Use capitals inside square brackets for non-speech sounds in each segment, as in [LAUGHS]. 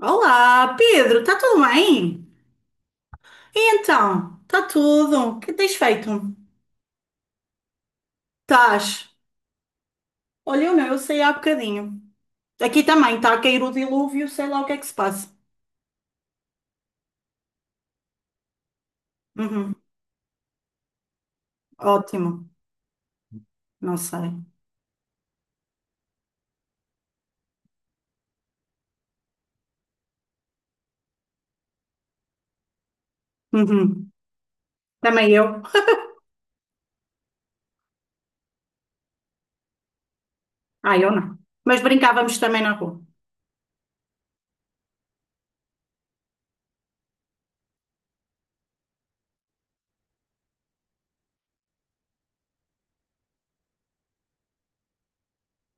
Olá, Pedro, está tudo bem? E então, está tudo? O que tens feito? Estás? Olha, eu não, eu saí há bocadinho. Aqui também está a cair o dilúvio, sei lá o que é que se passa. Uhum. Ótimo, não sei. Uhum. Também eu. Ah, eu não. Mas brincávamos também na rua.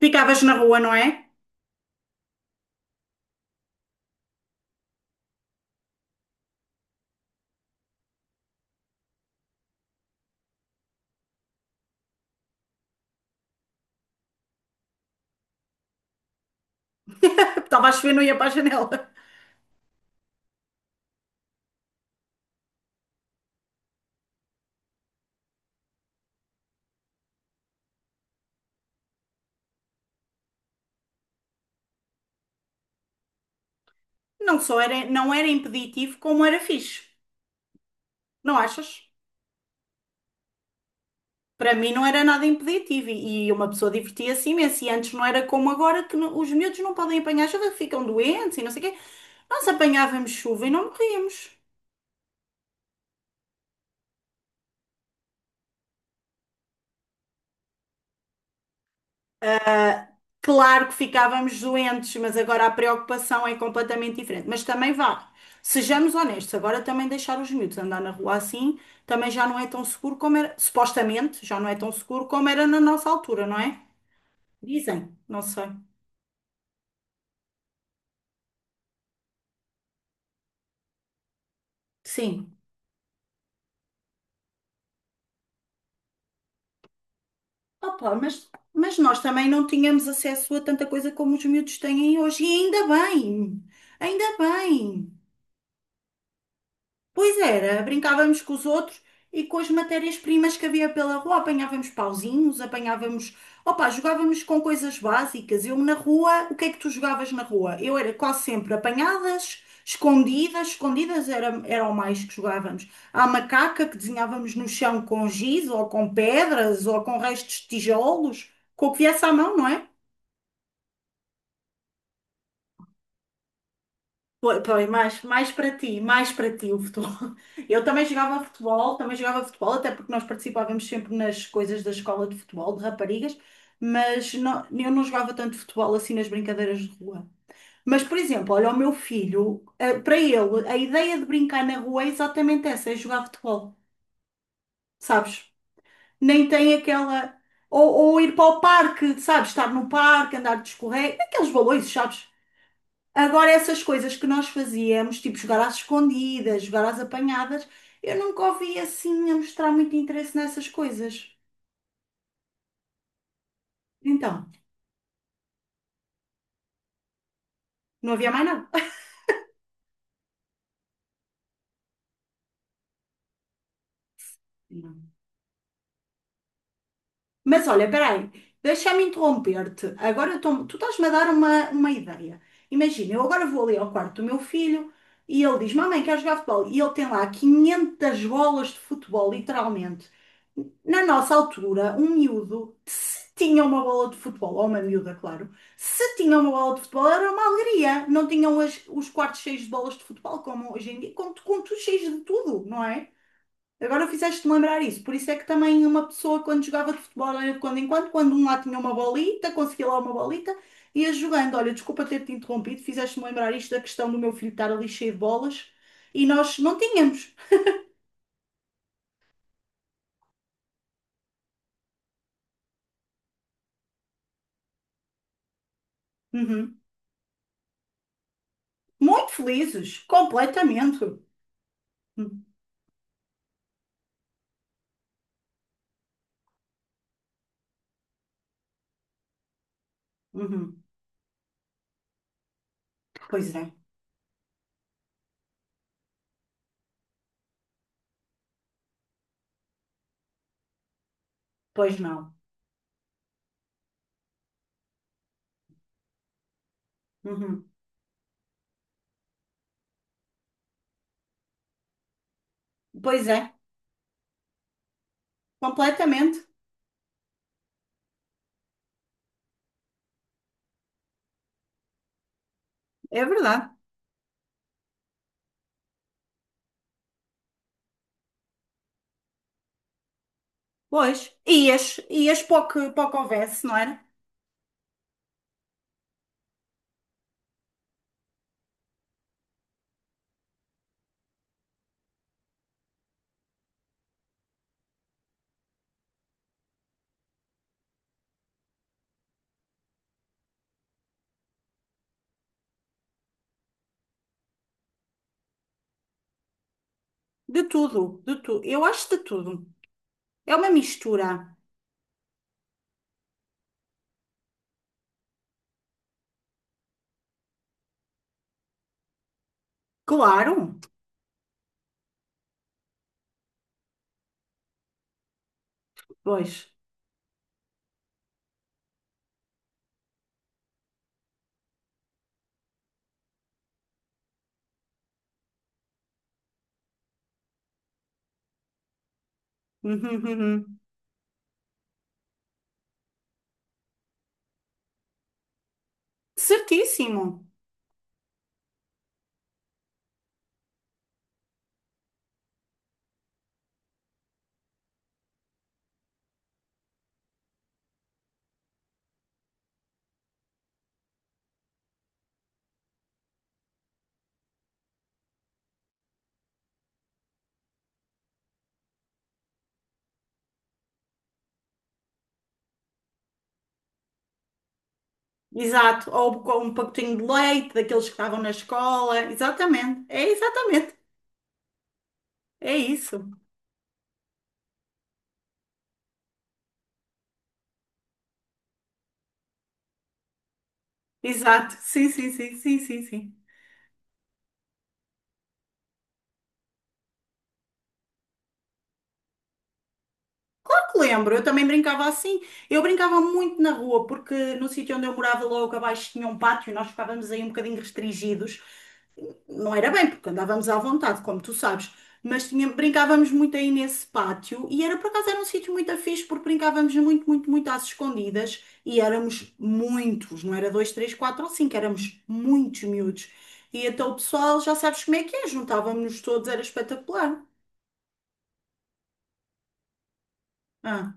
Ficavas na rua, não é? [LAUGHS] Estava a chover, não ia para a janela. Não só era, não era impeditivo, como era fixe. Não achas? Para mim não era nada impeditivo e uma pessoa divertia-se imenso. E antes não era como agora que os miúdos não podem apanhar chuva, que ficam doentes e não sei o quê. Nós apanhávamos chuva e não morríamos. Claro que ficávamos doentes, mas agora a preocupação é completamente diferente. Mas também vá, sejamos honestos, agora também deixar os miúdos andar na rua assim também já não é tão seguro como era, supostamente, já não é tão seguro como era na nossa altura, não é? Dizem, não sei. Sim. Opa, mas nós também não tínhamos acesso a tanta coisa como os miúdos têm hoje, e ainda bem, ainda bem. Pois era, brincávamos com os outros e com as matérias-primas que havia pela rua. Apanhávamos pauzinhos, apanhávamos. Opa, jogávamos com coisas básicas. Eu na rua, o que é que tu jogavas na rua? Eu era quase sempre apanhadas, escondidas. Escondidas era o mais que jogávamos. À macaca que desenhávamos no chão com giz ou com pedras ou com restos de tijolos, com o que viesse à mão, não é? Pois, mais para ti o futebol. [LAUGHS] Eu também jogava futebol, até porque nós participávamos sempre nas coisas da escola de futebol, de raparigas, mas eu não jogava tanto futebol assim nas brincadeiras de rua. Mas, por exemplo, olha, o meu filho, para ele, a ideia de brincar na rua é exatamente essa, é jogar futebol, sabes? Nem tem aquela. Ou ir para o parque, sabes? Estar no parque, andar de escorrega, aqueles balões, sabes? Agora, essas coisas que nós fazíamos, tipo jogar às escondidas, jogar às apanhadas, eu nunca ouvi assim a mostrar muito interesse nessas coisas. Então, não havia mais nada. Mas olha, peraí, deixa-me interromper-te. Agora tu estás-me a dar uma ideia. Imagina, eu agora vou ali ao quarto do meu filho e ele diz: Mamãe, quer jogar futebol? E ele tem lá 500 bolas de futebol, literalmente. Na nossa altura, um miúdo, se tinha uma bola de futebol, ou uma miúda, claro, se tinha uma bola de futebol era uma alegria. Não tinham os quartos cheios de bolas de futebol, como hoje em dia, com tudo cheios de tudo, não é? Agora fizeste-me lembrar isso. Por isso é que também uma pessoa, quando jogava de futebol, era de quando em quando, quando um lá tinha uma bolita, conseguia lá uma bolita, ia jogando. Olha, desculpa ter-te interrompido, fizeste-me lembrar isto da questão do meu filho estar ali cheio de bolas e nós não tínhamos. Uhum. Muito felizes, completamente. Uhum. Uhum. Pois é, pois não. Uhum. Pois é, completamente. É verdade. Pois, ias para o que houvesse, não era? De tudo, de tudo. Eu acho de tudo. É uma mistura. Claro, pois. [LAUGHS] Uhum, uhum. Certíssimo. Exato. Ou com um pacotinho de leite daqueles que estavam na escola. Exatamente. É exatamente. É isso. Exato. Sim, sim, sim, sim, sim, sim. Porque lembro, eu também brincava assim. Eu brincava muito na rua, porque no sítio onde eu morava logo abaixo tinha um pátio e nós ficávamos aí um bocadinho restringidos. Não era bem, porque andávamos à vontade, como tu sabes, mas brincávamos muito aí nesse pátio e era por acaso era um sítio muito fixe porque brincávamos muito, muito, muito às escondidas e éramos muitos, não era dois, três, quatro ou cinco, éramos muitos miúdos. E então o pessoal, já sabes como é que é, juntávamos-nos todos, era espetacular. Ah.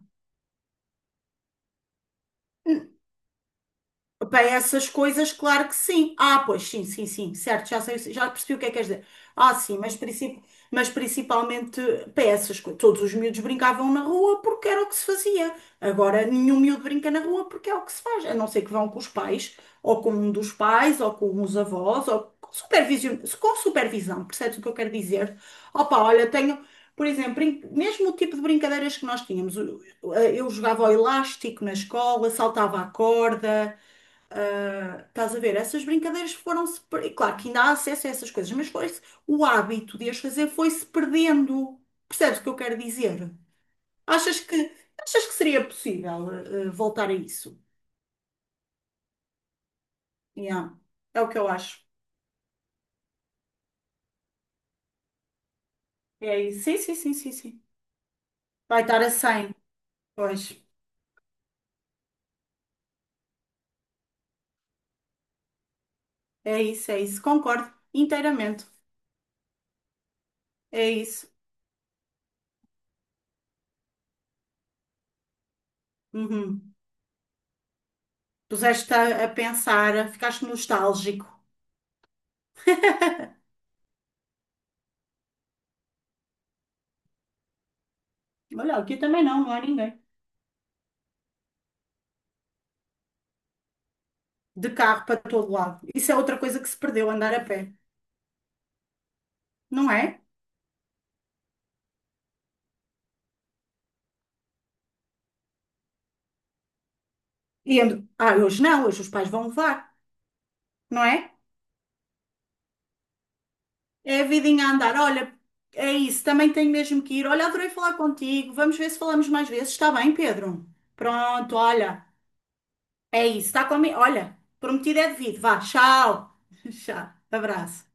Para essas coisas, claro que sim. Ah, pois sim, sim, sim, certo, já sei, já percebi o que é que queres dizer. Ah, sim, mas principalmente para essas coisas. Todos os miúdos brincavam na rua porque era o que se fazia. Agora nenhum miúdo brinca na rua porque é o que se faz, a não ser que vão com os pais, ou com um dos pais, ou com os avós, ou com supervisão, percebes o que eu quero dizer? Opa, olha, tenho. Por exemplo, mesmo o tipo de brincadeiras que nós tínhamos, eu jogava ao elástico na escola, saltava a corda. Estás a ver? Essas brincadeiras foram-se. Claro que ainda há acesso a essas coisas, mas foi o hábito de as fazer foi-se perdendo. Percebes o que eu quero dizer? Achas que, achas que seria possível voltar a isso? Yeah. É o que eu acho. É isso. Sim, sim, sim, sim, sim. Vai estar a 100. Pois. É isso, é isso. Concordo inteiramente. É isso. Uhum. Puseste a pensar, ficaste nostálgico. Olha, aqui também não, não há ninguém. De carro para todo lado. Isso é outra coisa que se perdeu, andar a pé. Não é? E hoje não, hoje os pais vão levar, não é? É a vidinha a andar, olha, é isso, também tenho mesmo que ir. Olha, adorei falar contigo, vamos ver se falamos mais vezes, está bem, Pedro? Pronto, olha, é isso, está comigo, olha, prometido é devido, vá, tchau, [LAUGHS] tchau, abraço.